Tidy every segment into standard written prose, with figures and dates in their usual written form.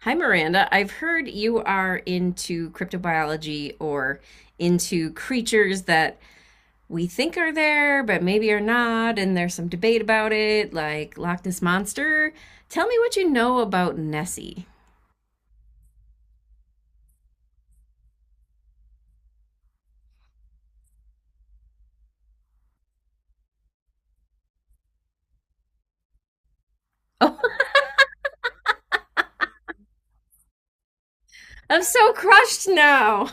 Hi, Miranda. I've heard you are into cryptobiology, or into creatures that we think are there but maybe are not, and there's some debate about it, like Loch Ness Monster. Tell me what you know about Nessie. Oh, I'm so crushed now.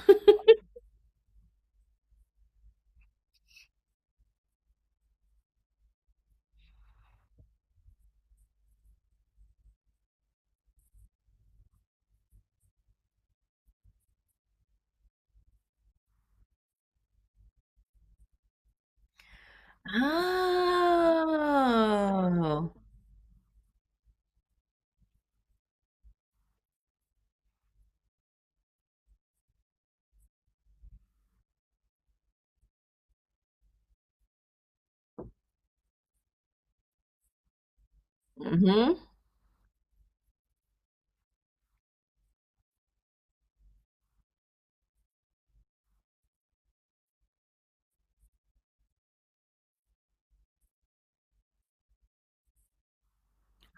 Oh. Mm-hmm.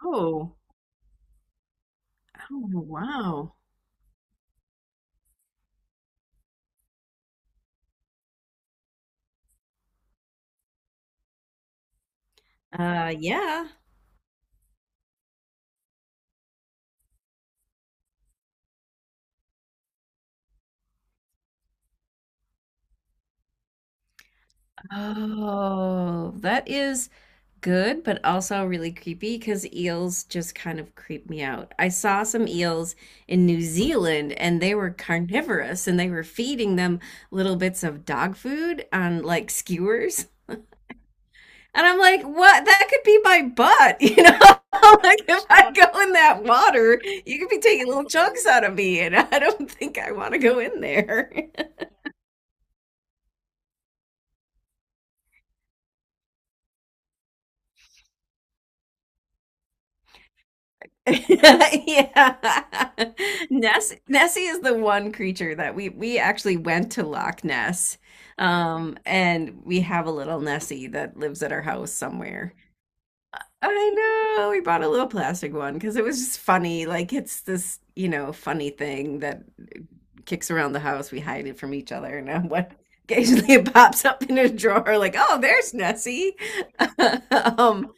Oh. Oh, wow. Yeah. Oh, that is good, but also really creepy because eels just kind of creep me out. I saw some eels in New Zealand and they were carnivorous, and they were feeding them little bits of dog food on like skewers. And I'm like, what? That could be my butt? Like if I go in that water, you could be taking little chunks out of me, and I don't think I want to go in there. Yeah. Nessie is the one creature that we actually went to Loch Ness. And we have a little Nessie that lives at our house somewhere. I know, we bought a little plastic one because it was just funny. Like it's this, funny thing that kicks around the house. We hide it from each other, and then what, occasionally it pops up in a drawer, like, oh, there's Nessie. um,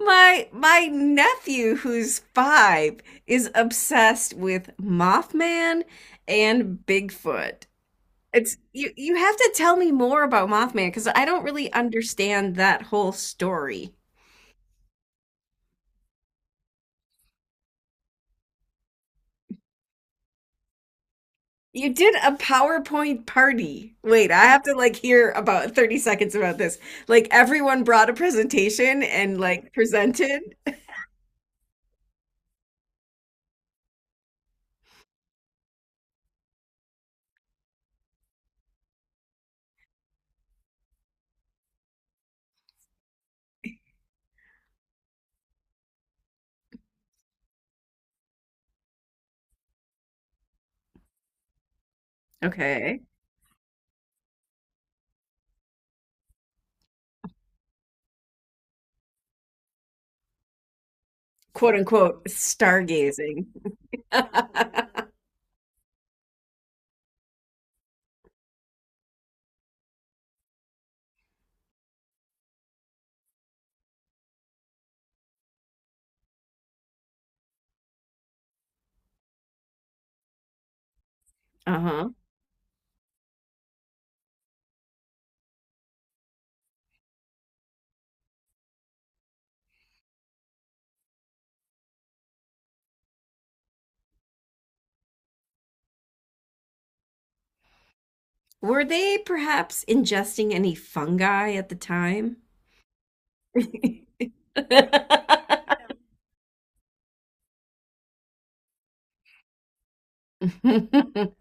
my nephew who's five is obsessed with Mothman and Bigfoot. It's you have to tell me more about Mothman because I don't really understand that whole story. You did a PowerPoint party. Wait, I have to like hear about 30 seconds about this. Like everyone brought a presentation and like presented. Okay. Quote unquote stargazing. Uh-huh. Were they perhaps ingesting any fungi at the time?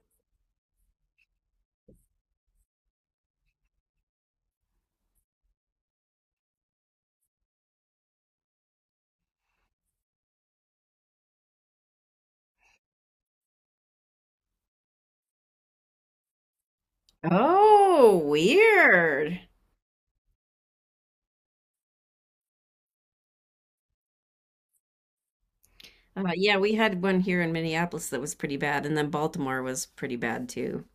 Oh, weird. Yeah, we had one here in Minneapolis that was pretty bad, and then Baltimore was pretty bad too.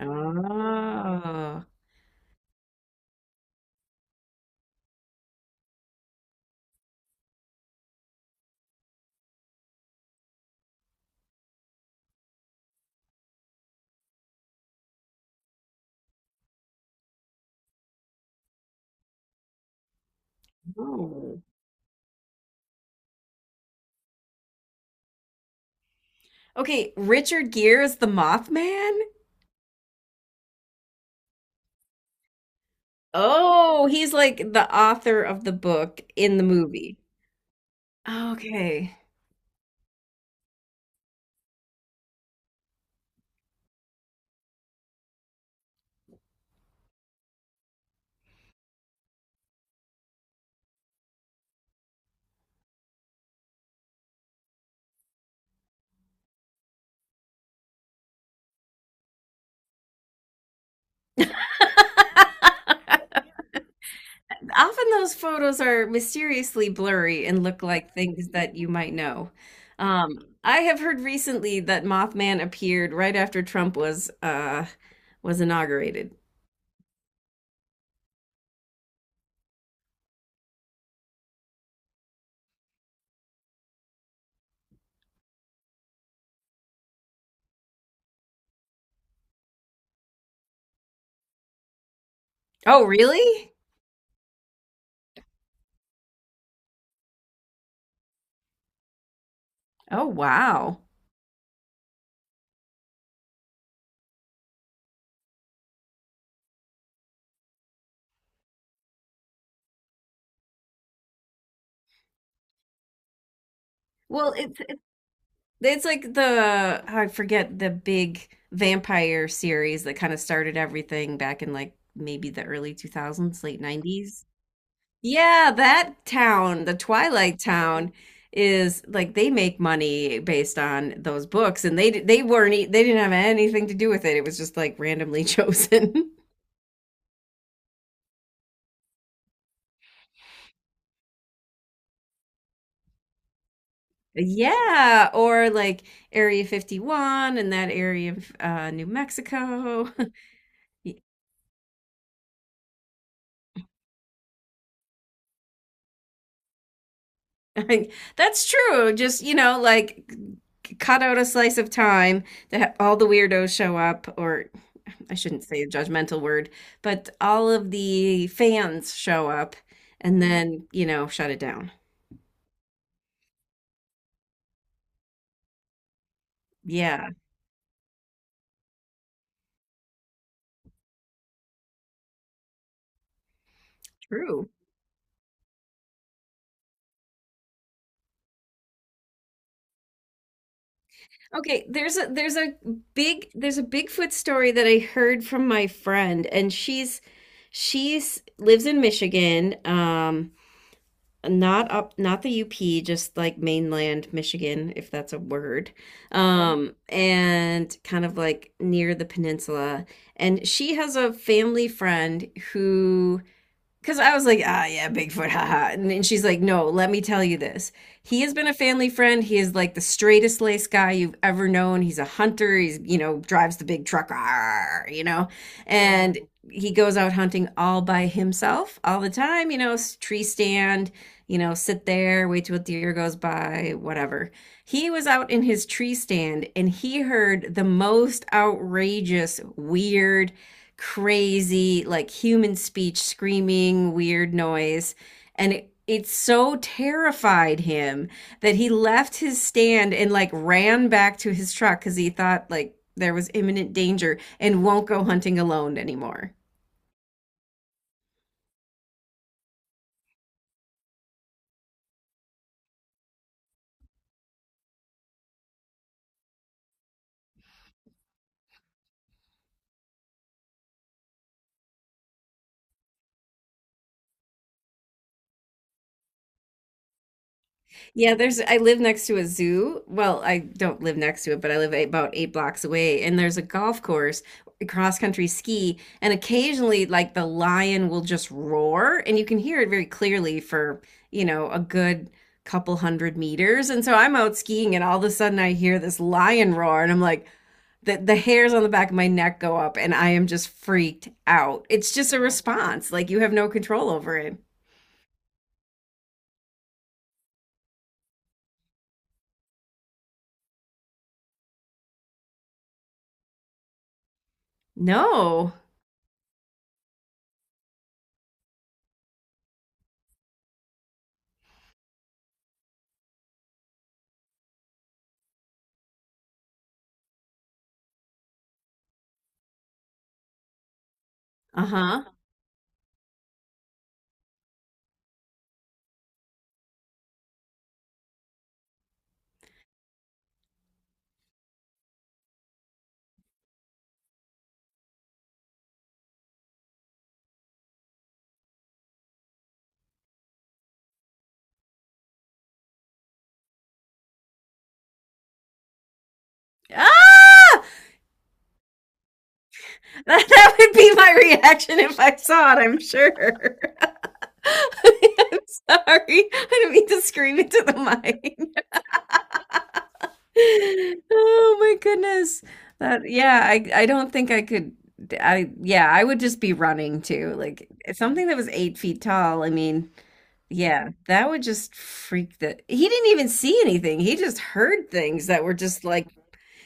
Oh. Oh. Okay, Richard Gere is the Mothman? Oh, he's like the author of the book in the movie. Okay. Often those photos are mysteriously blurry and look like things that you might know. Um, I have heard recently that Mothman appeared right after Trump was was inaugurated. Oh, really? Oh, wow. Well, it's it's like the, oh, I forget the big vampire series that kind of started everything back in like maybe the early 2000s, late 90s. Yeah, that town, the Twilight Town, is like they make money based on those books, and they weren't they didn't have anything to do with it. It was just like randomly chosen. Yeah, or like Area 51 and that area of New Mexico. I- That's true. Just, you know, like cut out a slice of time that all the weirdos show up, or I shouldn't say a judgmental word, but all of the fans show up and then, you know, shut it down. Yeah, true. Okay, there's a big, there's a Bigfoot story that I heard from my friend, and she's lives in Michigan, um, not up, not the UP, just like mainland Michigan, if that's a word. Um, and kind of like near the peninsula. And she has a family friend who, because I was like, ah, yeah, Bigfoot, haha. And then she's like, no, let me tell you this. He has been a family friend. He is like the straightest lace guy you've ever known. He's a hunter. He's, you know, drives the big truck, "Arr," you know, and he goes out hunting all by himself all the time, you know, tree stand, you know, sit there, wait till a deer goes by, whatever. He was out in his tree stand and he heard the most outrageous, weird, crazy, like human speech, screaming, weird noise. And it so terrified him that he left his stand and like ran back to his truck because he thought like there was imminent danger, and won't go hunting alone anymore. Yeah, there's, I live next to a zoo. Well, I don't live next to it, but I live about eight blocks away, and there's a golf course, cross country ski, and occasionally like the lion will just roar and you can hear it very clearly for, you know, a good couple hundred meters. And so I'm out skiing and all of a sudden I hear this lion roar and I'm like, the hairs on the back of my neck go up and I am just freaked out. It's just a response. Like you have no control over it. No. Uh-huh. Ah! That would be my reaction if I saw it, I'm sure. I'm sorry. I didn't mean to scream into the mic. Oh my goodness. That, yeah, I don't think I could, I yeah, I would just be running too. Like something that was 8 feet tall, I mean, yeah, that would just freak, the he didn't even see anything. He just heard things that were just like,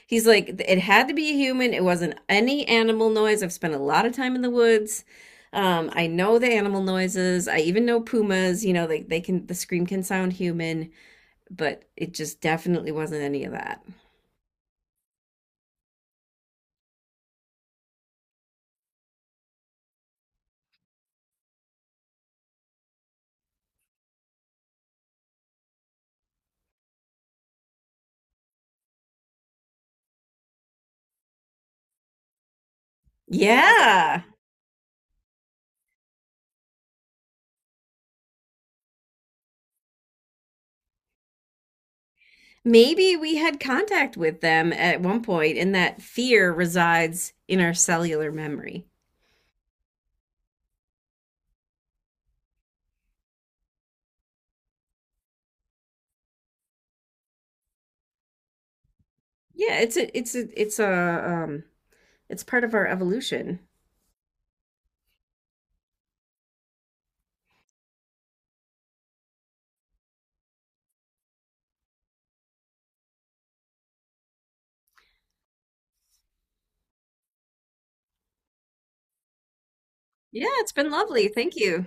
he's like, it had to be a human. It wasn't any animal noise. I've spent a lot of time in the woods. I know the animal noises. I even know pumas. You know, they can, the scream can sound human, but it just definitely wasn't any of that. Yeah. Maybe we had contact with them at one point, and that fear resides in our cellular memory. Yeah, it's part of our evolution. Yeah, it's been lovely. Thank you.